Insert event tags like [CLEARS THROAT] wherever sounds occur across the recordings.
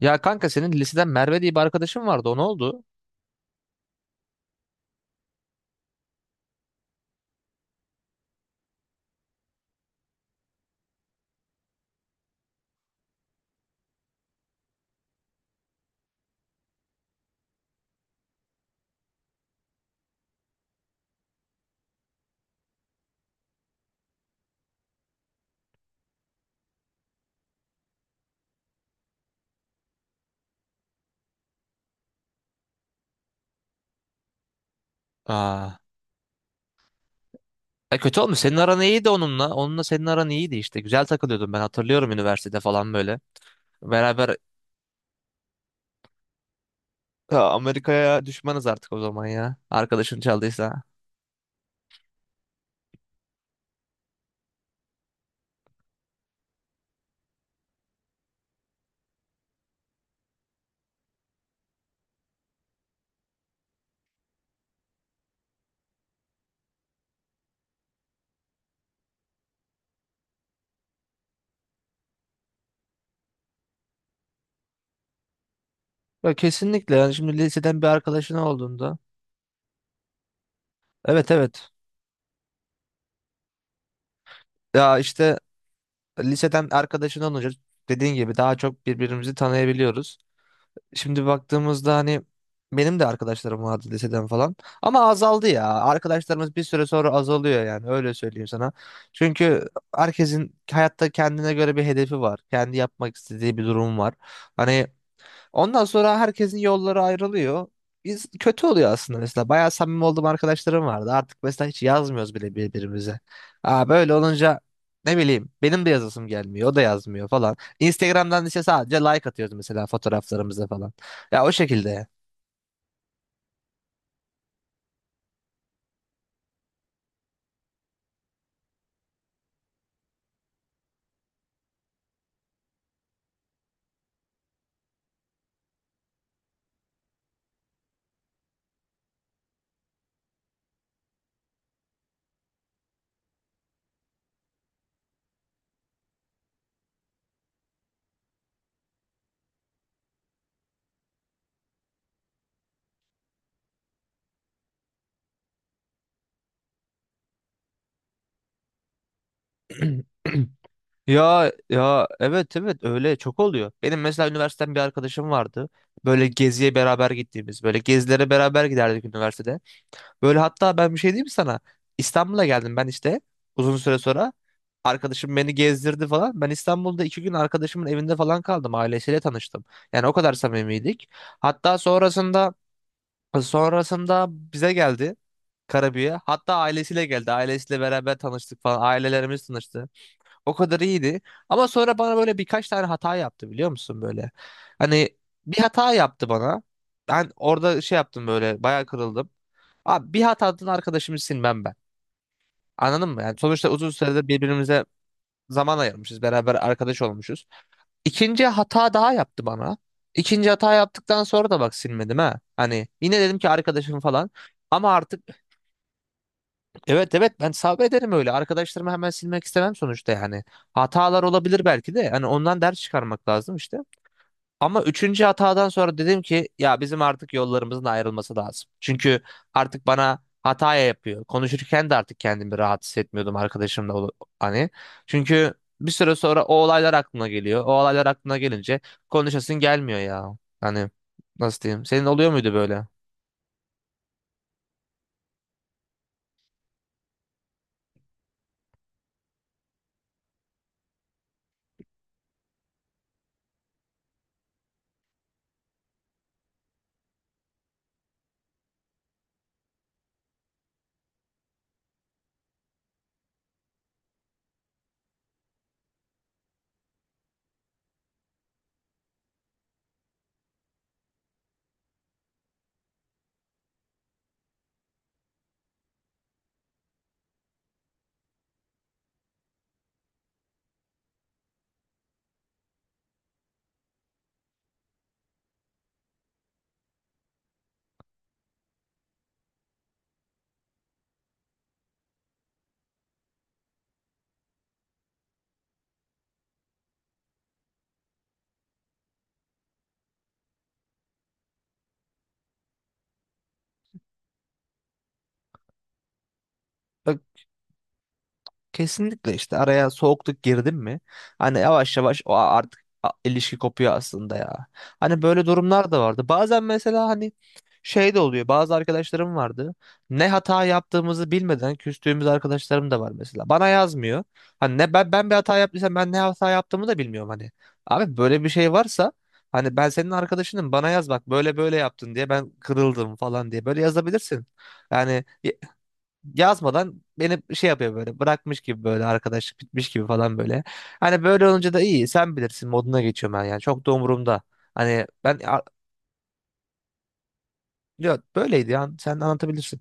Ya kanka, senin liseden Merve diye bir arkadaşın vardı. O ne oldu? Aa. E kötü olmuş. Senin aran iyiydi onunla. Onunla senin aran iyiydi işte. Güzel takılıyordun, ben hatırlıyorum üniversitede falan böyle. Beraber... Ya Amerika'ya düşmanız artık o zaman ya. Arkadaşın çaldıysa. Ya kesinlikle, yani şimdi liseden bir arkadaşın olduğunda. Evet evet. Ya işte liseden arkadaşından olunca, dediğin gibi daha çok birbirimizi tanıyabiliyoruz. Şimdi baktığımızda hani benim de arkadaşlarım vardı liseden falan. Ama azaldı ya. Arkadaşlarımız bir süre sonra azalıyor, yani öyle söyleyeyim sana. Çünkü herkesin hayatta kendine göre bir hedefi var. Kendi yapmak istediği bir durum var. Hani, ondan sonra herkesin yolları ayrılıyor. Biz kötü oluyor aslında mesela. Bayağı samimi olduğum arkadaşlarım vardı. Artık mesela hiç yazmıyoruz bile birbirimize. Aa, böyle olunca ne bileyim benim de yazasım gelmiyor. O da yazmıyor falan. Instagram'dan işte sadece like atıyoruz mesela fotoğraflarımıza falan. Ya o şekilde. [CLEARS THROAT] Ya ya, evet evet, öyle çok oluyor. Benim mesela üniversiteden bir arkadaşım vardı. Böyle geziye beraber gittiğimiz, böyle gezilere beraber giderdik üniversitede. Böyle hatta ben bir şey diyeyim mi sana? İstanbul'a geldim ben işte uzun süre sonra. Arkadaşım beni gezdirdi falan. Ben İstanbul'da iki gün arkadaşımın evinde falan kaldım. Ailesiyle tanıştım. Yani o kadar samimiydik. Hatta sonrasında, sonrasında bize geldi Karabük'e. Hatta ailesiyle geldi. Ailesiyle beraber tanıştık falan. Ailelerimiz tanıştı. O kadar iyiydi. Ama sonra bana böyle birkaç tane hata yaptı, biliyor musun böyle? Hani bir hata yaptı bana. Ben orada şey yaptım, böyle bayağı kırıldım. Abi, bir hatadan arkadaşımı silmem ben. Anladın mı? Yani sonuçta uzun süredir birbirimize zaman ayırmışız. Beraber arkadaş olmuşuz. İkinci hata daha yaptı bana. İkinci hata yaptıktan sonra da bak silmedim ha. Hani yine dedim ki arkadaşım falan. Ama artık evet evet, ben sabrederim öyle. Arkadaşlarımı hemen silmek istemem sonuçta yani. Hatalar olabilir belki de. Hani ondan ders çıkarmak lazım işte. Ama üçüncü hatadan sonra dedim ki ya bizim artık yollarımızın ayrılması lazım. Çünkü artık bana hataya yapıyor. Konuşurken de artık kendimi rahat hissetmiyordum arkadaşımla hani. Çünkü bir süre sonra o olaylar aklına geliyor. O olaylar aklına gelince konuşasın gelmiyor ya. Hani nasıl diyeyim? Senin oluyor muydu böyle? Kesinlikle işte araya soğukluk girdin mi? Hani yavaş yavaş o artık ilişki kopuyor aslında ya. Hani böyle durumlar da vardı. Bazen mesela hani şey de oluyor. Bazı arkadaşlarım vardı. Ne hata yaptığımızı bilmeden küstüğümüz arkadaşlarım da var mesela. Bana yazmıyor. Hani ne ben bir hata yaptıysam, ben ne hata yaptığımı da bilmiyorum hani. Abi böyle bir şey varsa hani ben senin arkadaşınım, bana yaz, bak böyle böyle yaptın diye ben kırıldım falan diye böyle yazabilirsin. Yani yazmadan beni şey yapıyor, böyle bırakmış gibi, böyle arkadaşlık bitmiş gibi falan böyle. Hani böyle olunca da iyi sen bilirsin moduna geçiyorum ben, yani çok da umurumda. Hani ben ya, böyleydi ya, sen anlatabilirsin.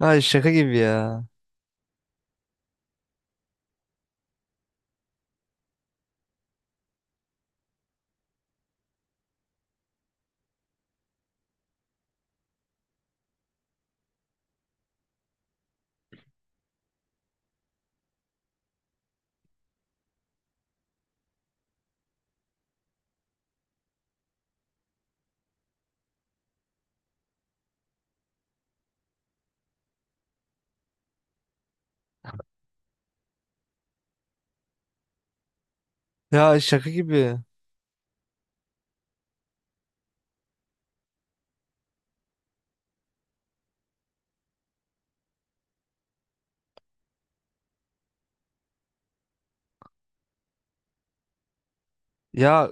Ay şaka gibi ya. Ya şaka gibi. Ya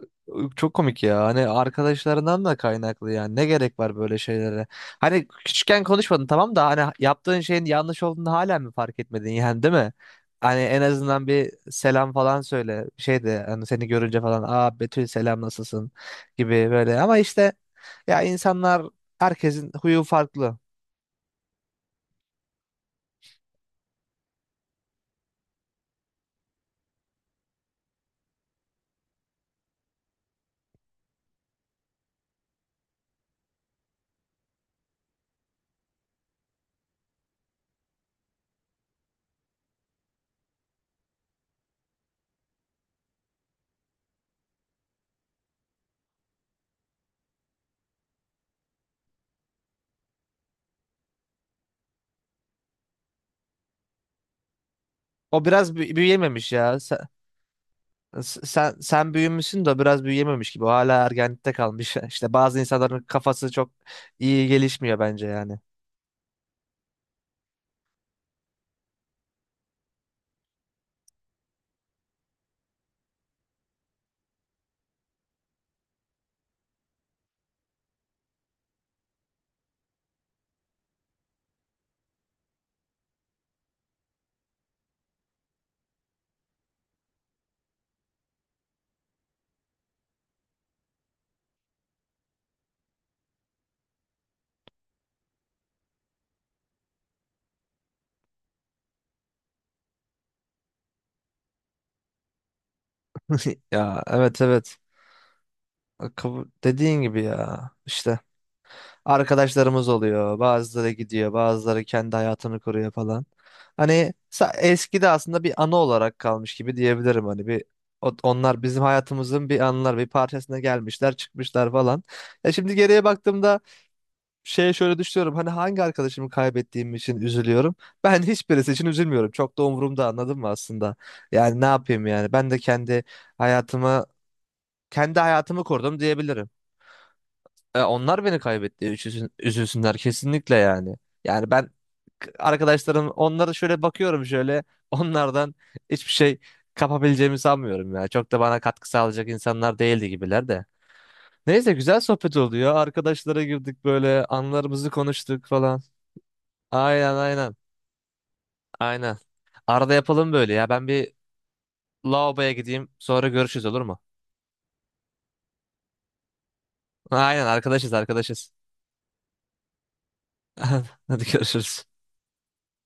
çok komik ya. Hani arkadaşlarından da kaynaklı yani. Ne gerek var böyle şeylere? Hani küçükken konuşmadın tamam da, hani yaptığın şeyin yanlış olduğunu hala mı fark etmedin yani, değil mi? Hani en azından bir selam falan söyle. Şey de hani seni görünce falan aa Betül selam nasılsın gibi böyle. Ama işte ya insanlar, herkesin huyu farklı. O biraz büyüyememiş ya. Sen büyümüşsün de biraz büyüyememiş gibi. O hala ergenlikte kalmış. [LAUGHS] İşte bazı insanların kafası çok iyi gelişmiyor bence yani. [LAUGHS] Ya evet evet. Dediğin gibi ya, işte. Arkadaşlarımız oluyor. Bazıları gidiyor, bazıları kendi hayatını kuruyor falan. Hani eski de aslında bir anı olarak kalmış gibi diyebilirim, hani bir, onlar bizim hayatımızın bir anılar, bir parçasına gelmişler, çıkmışlar falan. Ya şimdi geriye baktığımda şeye şöyle düşünüyorum. Hani hangi arkadaşımı kaybettiğim için üzülüyorum? Ben hiçbirisi için üzülmüyorum. Çok da umurumda, anladın mı aslında? Yani ne yapayım yani? Ben de kendi hayatımı, kendi hayatımı kurdum diyebilirim. E, onlar beni kaybetti. Üzülsün, üzülsünler kesinlikle yani. Yani ben arkadaşlarım, onlara şöyle bakıyorum şöyle [LAUGHS] onlardan hiçbir şey kapabileceğimi sanmıyorum ya. Çok da bana katkı sağlayacak insanlar değildi gibiler de. Neyse, güzel sohbet oldu ya. Arkadaşlara girdik, böyle anılarımızı konuştuk falan. Aynen aynen. Aynen. Arada yapalım böyle ya. Ben bir lavaboya gideyim, sonra görüşürüz olur mu? Aynen, arkadaşız arkadaşız. [LAUGHS] Hadi görüşürüz.